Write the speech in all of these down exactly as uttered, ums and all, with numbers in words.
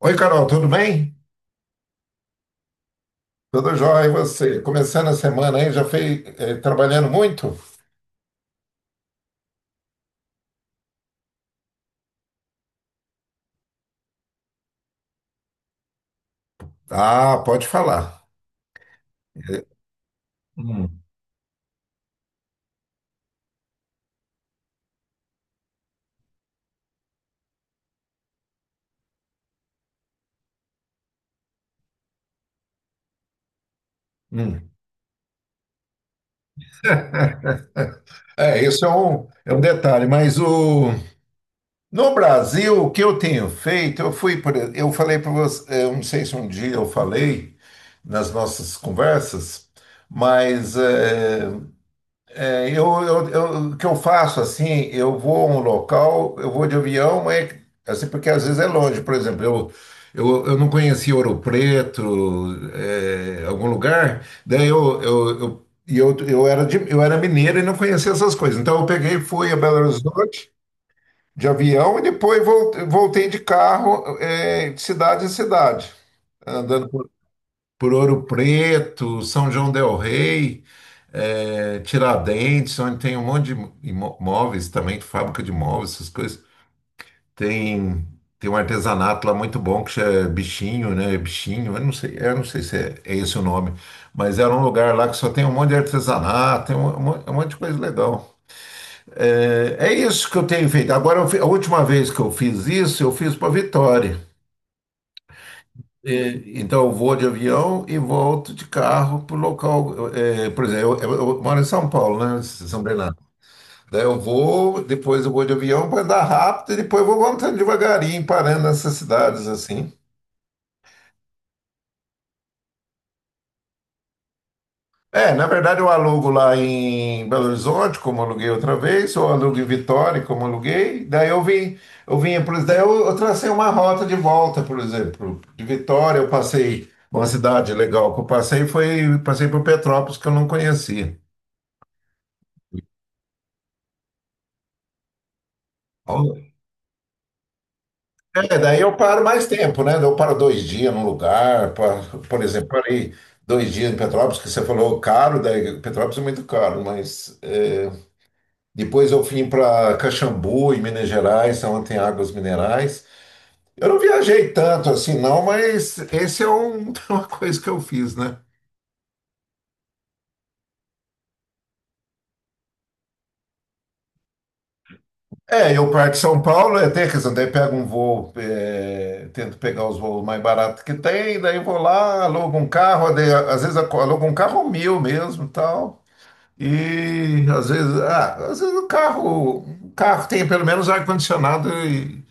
Oi, Carol, tudo bem? Tudo jóia, e você? Começando a semana aí, já foi eh, trabalhando muito? Ah, pode falar. Eh, hum, hum. É, isso é um, é um detalhe, mas o, no Brasil, o que eu tenho feito, eu fui, por, ex- eu falei para você, eh, eu não sei se um dia eu falei nas nossas conversas, mas eh, É, Eu, eu, eu- o que eu faço assim, eu vou a um local, eu vou de avião, mas assim, porque às vezes é longe. Por exemplo, eu, eu, eu não conhecia Ouro Preto, é, algum lugar, daí eu, eu, eu, e eu, eu, era de- eu era mineiro e não conhecia essas coisas. Então eu peguei, e fui a Belo Horizonte de avião e depois vol- voltei de carro, é, de cidade em cidade, andando por Ouro Preto, São João del Rei, eh, Tiradentes, onde tem um monte de imo- imóveis também, fábrica de imóveis, essas coisas. Tem, tem um artesanato lá muito bom que chama Bichinho, né? Bichinho, eu não sei, eu não sei se é, é esse o nome, mas era um lugar lá que só tem um monte de artesanato, tem um, um mon- um monte de coisa legal. Eh, É, isso que eu tenho feito. Agora, eu fi- a última vez que eu fiz isso, eu fiz para Vitória. E, então, eu vou de avião e volto de carro para o local. eh, por exemplo, eu, eu- eu moro em São Paulo, né? Em São Bernardo. Daí eu vou, depois eu vou de avião para andar rápido e depois eu vou voltando devagarinho, parando nessas cidades assim. É, na verdade eu alugo lá em Belo Horizonte, como aluguei outra vez, ou alugo em Vitória, como aluguei. Daí eu vim, eu vinha, por exemplo, daí eu, eu tracei uma rota de volta, por exemplo, de Vitória eu passei, uma cidade legal que eu passei foi, passei por Petrópolis que eu não conhecia. É, daí eu paro mais tempo, né? Eu paro dois dias num lugar, pa- por exemplo, parei dois dias em Petrópolis, que você falou caro, daí Petrópolis é muito caro, mas é, depois eu vim para Caxambu, em Minas Gerais, onde tem águas minerais. Eu não viajei tanto assim, não, mas esse é um- uma coisa que eu fiz, né? É, eu parto de São Paulo, é, tem, quer dizer, daí pego um voo, é, tento pegar os voos mais baratos que tem, daí vou lá, alugo um carro, daí, às vezes aco- alugo um carro meu mesmo, tal. E às vezes, ah, às vezes o carro, o carro tem pelo menos ar-condicionado e,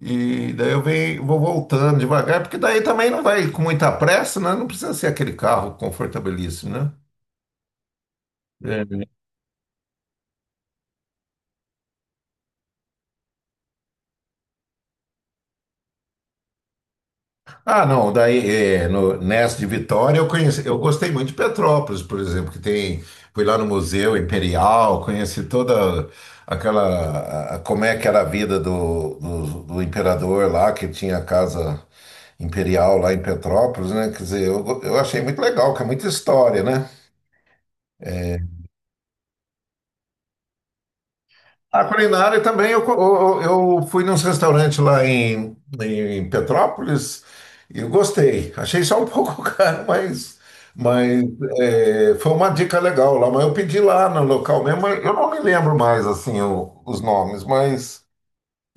e daí eu venho, vou voltando devagar, porque daí também não vai com muita pressa, né? Não precisa ser aquele carro confortabilíssimo, né? Ah, não, daí é, no, nessa de Vitória eu conheci, eu gostei muito de Petrópolis, por exemplo, que tem, fui lá no Museu Imperial, conheci toda aquela, a- a- como é que era a vida do, do, do imperador lá, que tinha a casa imperial lá em Petrópolis, né? Quer dizer, eu, go- eu achei muito legal, que é muita história, né? A culinária também, eu, co- eu, eu fui num restaurante lá em, em Petrópolis e eu gostei. Achei só um pouco caro, mas, mas é, foi uma dica legal lá. Mas eu pedi lá no local mesmo, mas eu não me lembro mais assim o- os nomes, mas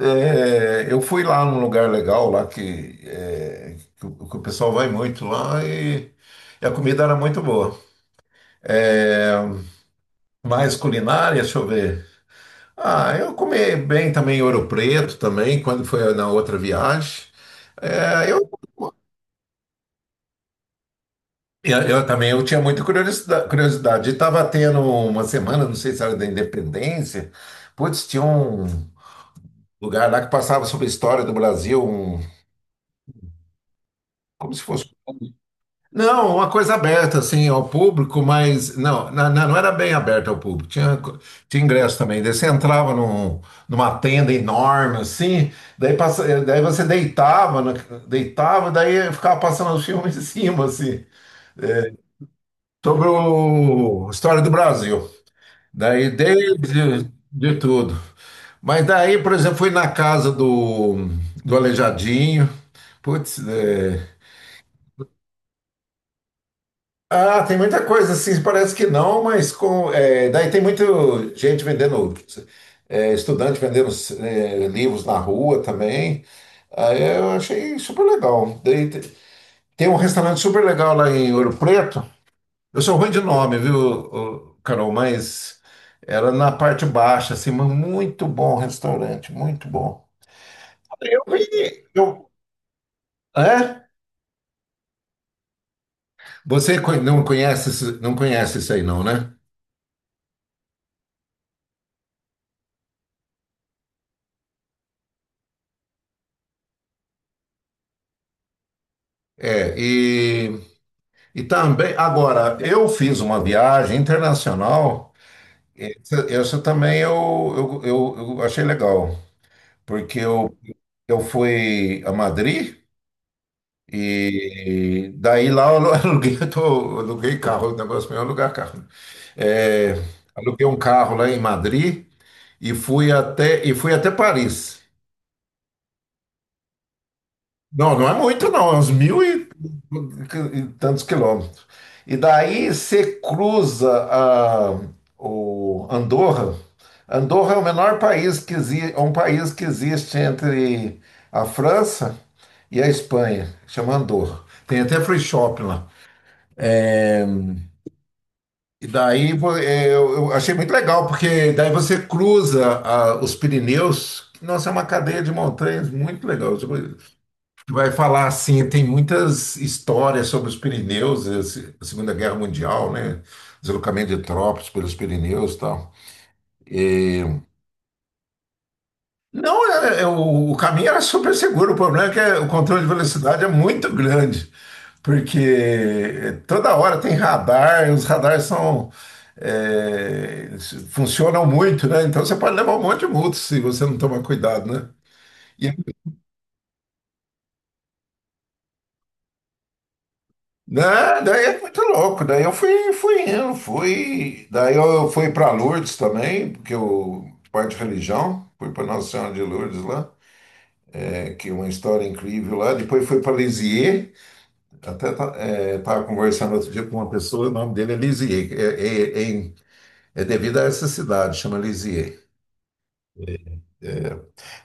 é, eu fui lá num lugar legal lá que, é, que, o que o pessoal vai muito lá e, e a comida era muito boa. É, mais culinária, deixa eu ver. Ah, eu comi bem também ouro preto também, quando foi na outra viagem. É, eu, eu também eu tinha muita curiosidade, curiosidade. Estava tendo uma semana, não sei se era da Independência, putz, tinha um lugar lá que passava sobre a história do Brasil, um, como se fosse Não, uma coisa aberta assim ao público, mas não, na- na- não era bem aberta ao público. Tinha, co- tinha ingresso também. Daí você entrava num- numa tenda enorme assim, daí, passa- daí você deitava, na- deitava, daí ficava passando os filmes em cima assim, sobre o a história do Brasil. Daí desde de tudo. Mas daí, por exemplo, fui na casa do do Aleijadinho. Putz, é, Ah, tem muita coisa, assim, parece que não, mas com, é, daí tem muita gente vendendo, é, estudante vendendo é, livros na rua também. Aí eu achei super legal. Daí te- tem um restaurante super legal lá em Ouro Preto. Eu sou ruim de nome, viu, ô, Carol? Mas era na parte baixa, assim, mas muito bom restaurante, muito bom. Eu vi. Eu, é? Você co- não conhece, esse- não conhece isso aí, não, né? É, e E também, agora, eu fiz uma viagem internacional, essa, essa também eu, eu, eu, eu achei legal, porque eu, eu fui a Madrid e daí lá eu alu- aluguei, eu tô- eu aluguei carro, o negócio meu é alugar carro. É, aluguei um carro lá em Madrid e fui até, e fui até Paris. Não, não é muito, não. É uns mil e, e tantos quilômetros. E daí você cruza a, o Andorra. Andorra é o menor país que existe, é um país que existe entre a França e a Espanha. Chama Andorra. Tem até free shop lá. E daí pô, é, eu, eu achei muito legal, porque daí você cruza ah, os Pirineus. Nossa, é uma cadeia de montanhas muito legal. Tipo, que vai falar assim, tem muitas histórias sobre os Pirineus, a se- a Segunda Guerra Mundial, né? Deslocamento de tropas pelos Pirineus e tal. E, não, é, é o, o caminho era super seguro, o problema é que é- o controle de velocidade é muito grande, porque é, toda hora tem radar, e os radares são, é, funcionam muito, né? Então você pode levar um monte de multa se você não tomar cuidado, né? Né? Daí é muito louco. Daí eu fui, fui indo, fui. Daí eu fui para Lourdes também, porque eu, parte de religião, fui para Nossa Senhora de Lourdes lá, é, que é uma história incrível lá. Depois fui para Lisieux, até estava conversando outro dia com uma pessoa, o nome dele é Lisieux, é, é, é, em- é devido a essa cidade, chama Lisieux.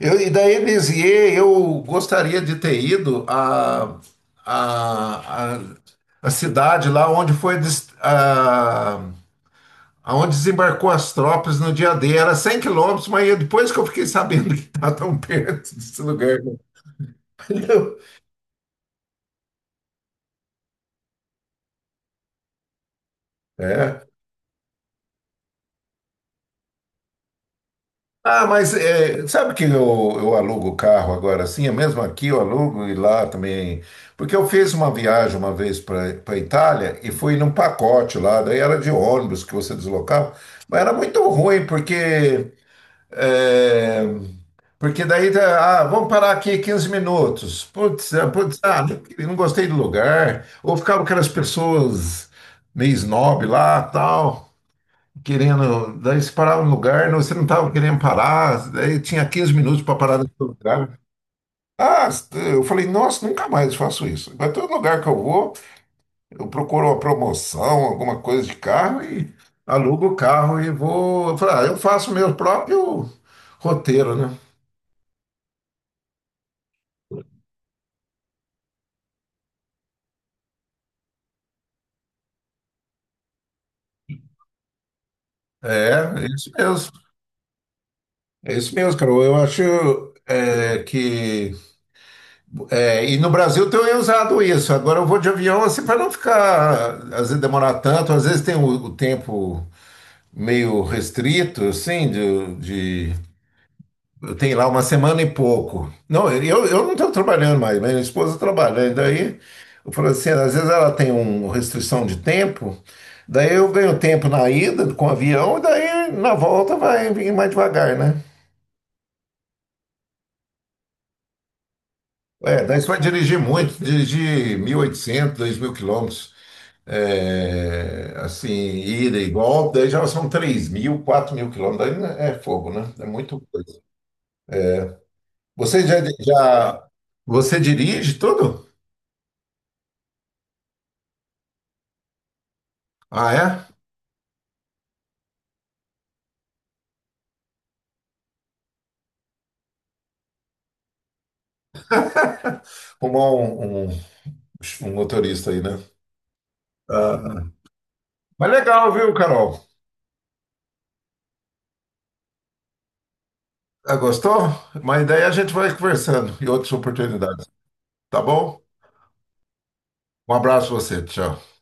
Eu, e daí Lisieux, eu gostaria de ter ido a, a, a, a cidade lá onde foi. des- A, aonde desembarcou as tropas no dia D. Era cem quilômetros, mas eu- depois que eu fiquei sabendo que está tão perto desse lugar. Né? É. Ah, mas é, sabe que eu, eu alugo o carro agora assim? É mesmo aqui eu alugo e lá também. Porque eu fiz uma viagem uma vez para a Itália e fui num pacote lá, daí era de ônibus que você deslocava, mas era muito ruim, porque É, porque daí, tá, ah, vamos parar aqui quinze minutos. Putz, ah, putz, ah, não não gostei do lugar. Ou ficavam aquelas pessoas meio snob lá, tal, querendo. Daí você parava no lugar, não, você não estava querendo parar. Daí tinha quinze minutos para parar no seu lugar. Ah, eu falei, nossa, nunca mais faço isso. Mas todo lugar que eu vou, eu procuro uma promoção, alguma coisa de carro e alugo o carro e vou. Eu falei, ah, eu faço meu próprio roteiro, né? É, é isso mesmo. É isso mesmo, Carol. Eu acho é, que. É, e no Brasil tem usado isso. Agora eu vou de avião assim para não ficar, às vezes demorar tanto, às vezes tem o, o tempo meio restrito, assim, de, de- Eu tenho lá uma semana e pouco. Não, eu, eu não estou trabalhando mais, minha esposa trabalha. E daí eu falo assim, às vezes ela tem uma restrição de tempo. Daí eu ganho tempo na ida com o avião, e daí na volta vai vir mais devagar, né? É, daí você vai dirigir muito, dirigir mil e oitocentos, dois mil quilômetros, é, assim, ida e volta, daí já são três mil, quatro mil quilômetros, daí né, é fogo, né? É muito coisa. Você já, já- você dirige tudo? Ah, é? Arrumar um, um, um motorista aí, né? Ah, mas legal, viu, Carol? Ah, gostou? Mas daí a gente vai conversando em outras oportunidades, tá bom? Um abraço pra você, tchau.